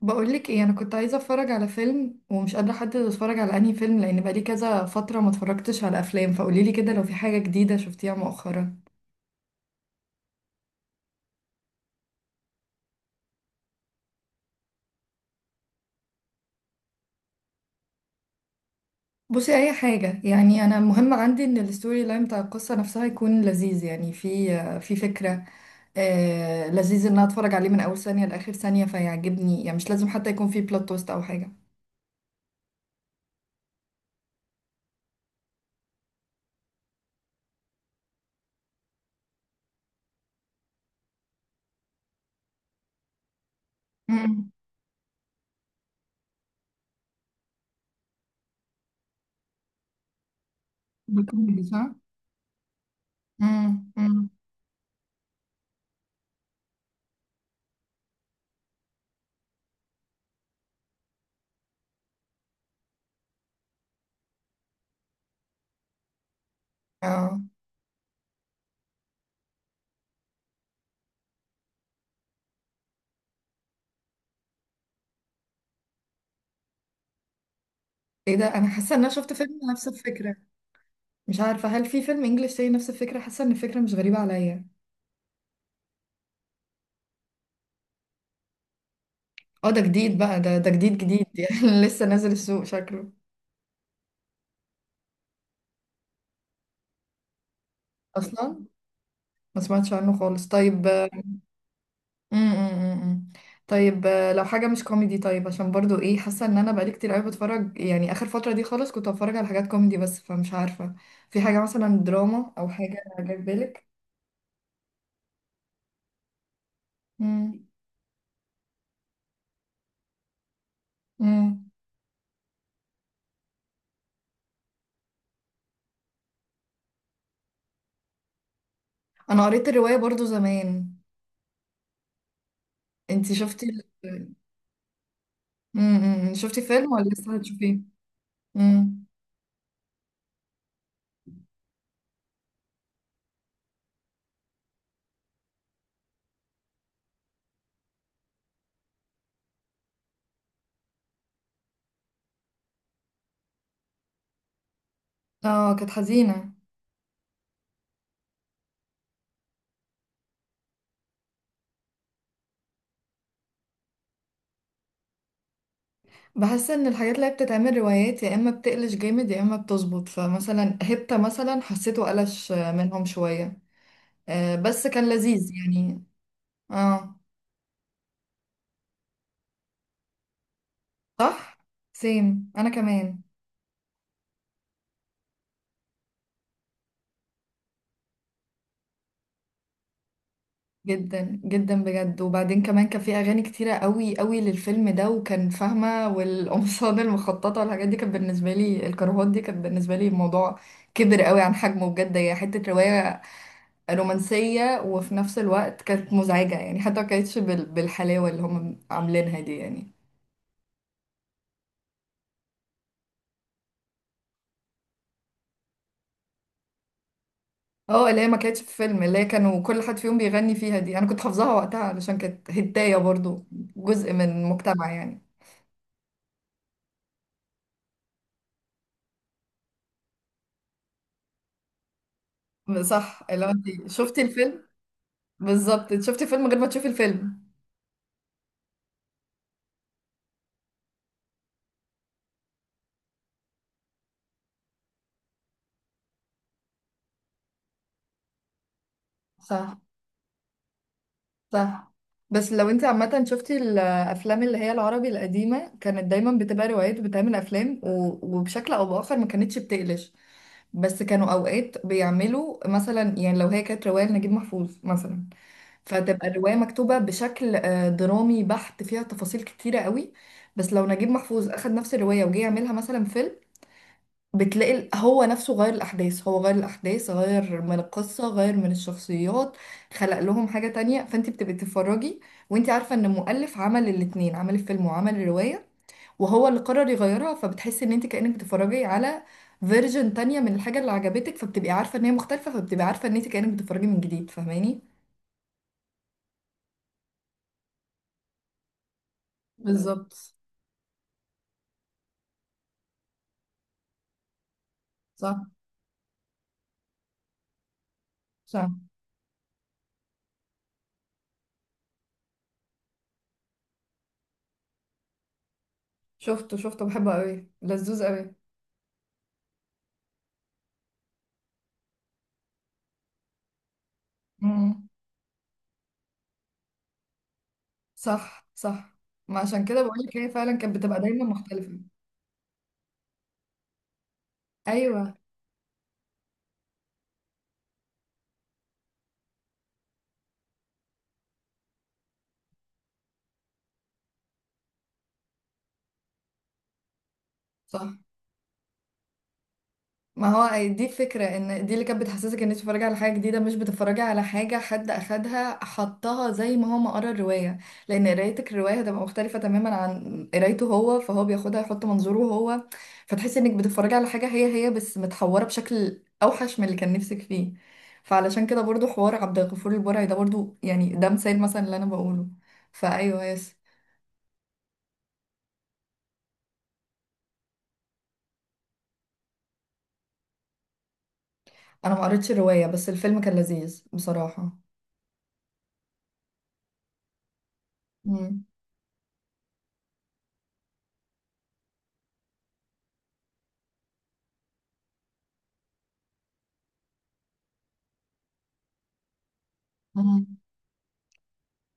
بقولك ايه، انا كنت عايزه اتفرج على فيلم ومش قادره احدد اتفرج على انهي فيلم، لان بقالي كذا فتره ما اتفرجتش على افلام، فقوليلي كده لو في حاجه جديده شفتيها مؤخرا. بصي اي حاجه، يعني انا المهم عندي ان الستوري لاين بتاع القصه نفسها يكون لذيذ، يعني في فكره. آه لذيذ ان انا اتفرج عليه من اول ثانيه لاخر ثانيه فيعجبني، يعني مش لازم حتى يكون في بلوت توست او حاجه. امم. بكوميدي صح؟ امم، امم. اه. ايه ده، انا حاسه ان انا شفت فيلم نفس الفكره. مش عارفة هل في فيلم انجليش تاني نفس الفكرة. حاسة ان الفكرة مش غريبة عليا. اه، ده جديد بقى. ده جديد جديد يعني لسه نازل السوق شكله. اصلا ما سمعتش عنه خالص. طيب، م- م- م- م. طيب، لو حاجة مش كوميدي. طيب، عشان برضو ايه، حاسة ان انا بقالي كتير قوي بتفرج، يعني اخر فترة دي خالص كنت بتفرج على حاجات كوميدي بس، فمش عارفة في حاجة مثلا دراما او حاجة جاية في بالك؟ م- م. انا قريت الرواية برضو زمان. انتي شفتي؟ م- م- م. شفتي فيلم ولا لسه هتشوفيه؟ م. اه، كانت حزينة. بحس ان الحاجات اللي هي بتتعمل روايات يا اما بتقلش جامد يا اما بتظبط، فمثلا هبتة مثلا حسيته قلش منهم شوية. آه بس كان لذيذ يعني. اه. صح. سيم، انا كمان. جدا جدا بجد، وبعدين كمان كان في اغاني كتيرة قوي قوي للفيلم ده وكان فاهمة، والقمصان المخططة والحاجات دي كانت بالنسبة لي، الكروهات دي كانت بالنسبة لي الموضوع كبر قوي عن حجمه بجد. هي حتة رواية رومانسية، وفي نفس الوقت كانت مزعجة، يعني حتى ما كانتش بالحلاوة اللي هم عاملينها دي يعني. اه، اللي هي ما كانتش في فيلم، اللي هي كانوا كل حد فيهم بيغني فيها دي، انا كنت حافظاها وقتها علشان كانت هداية برضو، جزء من مجتمع يعني. صح، لو انت شفتي الفيلم. بالظبط، انت شفتي الفيلم غير ما تشوفي الفيلم. صح، صح. بس لو انت عامة شفتي الأفلام اللي هي العربي القديمة، كانت دايما بتبقى روايات وبتعمل أفلام وبشكل أو بآخر ما كانتش بتقلش. بس كانوا أوقات بيعملوا مثلا، يعني لو هي كانت رواية لنجيب محفوظ مثلا، فتبقى الرواية مكتوبة بشكل درامي بحت، فيها تفاصيل كتيرة قوي. بس لو نجيب محفوظ أخد نفس الرواية وجه يعملها مثلا فيلم، بتلاقي هو نفسه غير الأحداث، هو غير الأحداث، غير من القصة، غير من الشخصيات، خلق لهم حاجة تانية، فانت بتبقي تتفرجي وانت عارفة ان المؤلف عمل الاتنين، عمل الفيلم وعمل الرواية، وهو اللي قرر يغيرها، فبتحسي ان انت كأنك بتتفرجي على فيرجن تانية من الحاجة اللي عجبتك، فبتبقي عارفة ان هي مختلفة، فبتبقي عارفة ان انت كأنك بتتفرجي من جديد، فاهماني؟ بالظبط. صح، صح. شفته بحبه قوي، لذوذ قوي. مم. صح، صح. ما عشان كده بقولك هي فعلا كانت بتبقى دايما مختلفة. ايوه. صح. ما هو دي الفكره، ان دي اللي كانت بتحسسك ان انت بتتفرجي على حاجه جديده، مش بتتفرجي على حاجه حد اخدها حطها زي ما هو ما قرا الروايه. لان قرايتك الروايه هتبقى مختلفه تماما عن قرايته هو، فهو بياخدها يحط منظوره هو. فتحسي انك بتتفرجي على حاجه هي هي، بس متحوره بشكل اوحش من اللي كان نفسك فيه. فعلشان كده برضو حوار عبد الغفور البرعي ده برضو، يعني ده مثال مثلا اللي انا بقوله. فايوه، يس. انا ما قريتش الروايه، بس الفيلم كان لذيذ بصراحه. امم.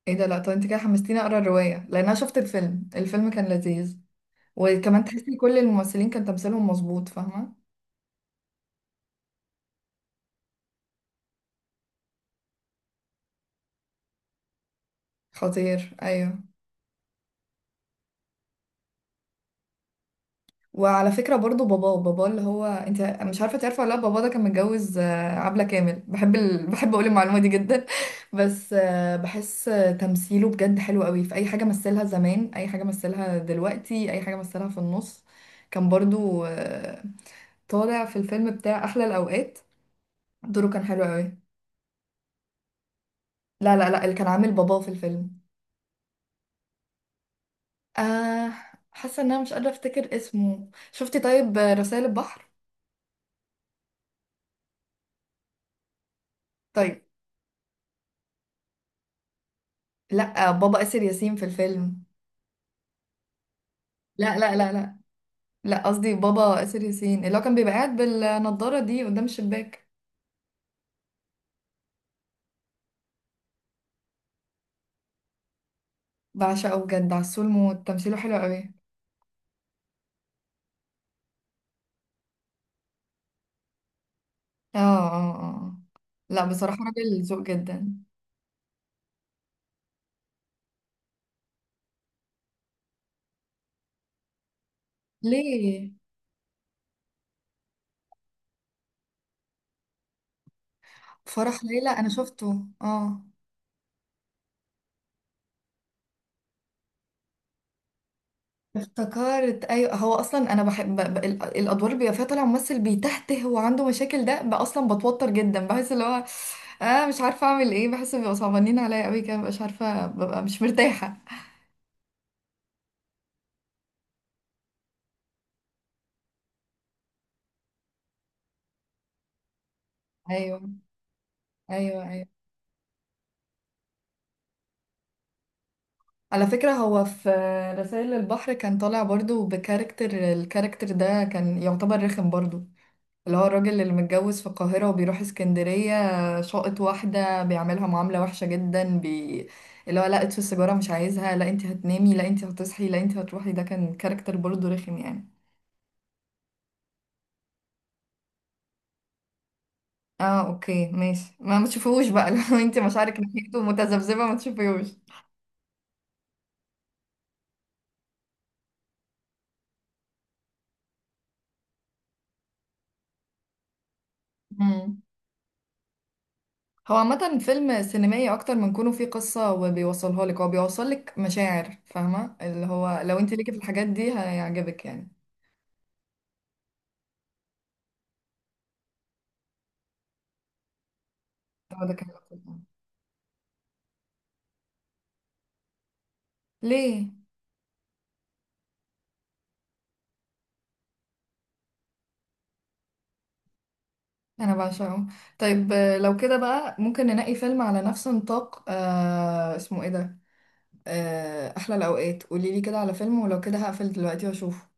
ايه ده، لا طب انت كده حمستيني اقرا الرواية، لان انا شفت الفيلم. الفيلم كان لذيذ، وكمان تحسي كل الممثلين كان تمثيلهم مظبوط، فاهمة؟ خطير، ايوه. وعلى فكرة برضو باباه، باباه اللي هو انت مش عارفة تعرفه ولا لا، باباه ده كان متجوز عبلة كامل. بحب بحب اقول المعلومة دي جدا بس بحس تمثيله بجد حلو قوي في اي حاجة مثلها زمان، اي حاجة مثلها دلوقتي، اي حاجة مثلها في النص. كان برضو طالع في الفيلم بتاع احلى الاوقات. دوره كان حلو قوي. لا، لا، لا، اللي كان عامل باباه في الفيلم. آه. حاسة ان انا مش قادرة افتكر اسمه. شفتي طيب رسائل البحر؟ طيب. لا، بابا آسر ياسين في الفيلم. لا، لا، لا، لا. لا، قصدي بابا آسر ياسين اللي هو كان بيبقى قاعد بالنضارة دي قدام الشباك. بعشقه بجد، عسول موت، تمثيله حلو قوي. اه، اه، اه. لا، بصراحة راجل ذوق جدا. ليه؟ فرح ليلى انا شفته، اه. افتكرت، ايوه. هو اصلا انا بحب الادوار اللي بيبقى فيها طالع ممثل بيتهته وعنده مشاكل، ده بقى اصلا بتوتر جدا، بحس اللي هو اه، مش عارفه اعمل ايه، بحس بيبقوا صعبانين عليا قوي كده، مش عارفه، ببقى مش مرتاحه. ايوه. ايوه، ايوه. على فكره هو في رسائل البحر كان طالع برضو بكاركتر، الكاركتر ده كان يعتبر رخم برضو، اللي هو الراجل اللي متجوز في القاهرة وبيروح اسكندرية، شاقط واحدة بيعملها معاملة وحشة جدا اللي هو، لا اطفي السيجارة مش عايزها، لا انت هتنامي، لا انت هتصحي، لا انت هتروحي. ده كان كاركتر برضه رخم يعني. اه، اوكي، ماشي. ما تشوفيهوش بقى لو انت مشاعرك ناحيته متذبذبة ما تشوفيهوش. مم. هو عامة فيلم سينمائي أكتر من كونه فيه قصة وبيوصلها لك، هو بيوصل لك مشاعر، فاهمة؟ اللي هو لو انت ليكي في الحاجات دي هيعجبك يعني. هو ده كان الأفضل. ليه؟ انا بعشقه. طيب، لو كده بقى ممكن ننقي فيلم على نفس نطاق. اسمه ايه ده؟ احلى الاوقات. قولي لي كده على فيلم، ولو كده هقفل دلوقتي واشوفه.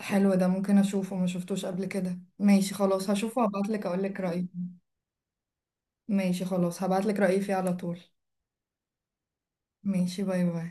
حلو، ده ممكن اشوفه، ما شفتوش قبل كده. ماشي، خلاص هشوفه وابعتلك اقولك رأيي. ماشي، خلاص هبعتلك رأيي فيه على طول. ماشي، باي باي.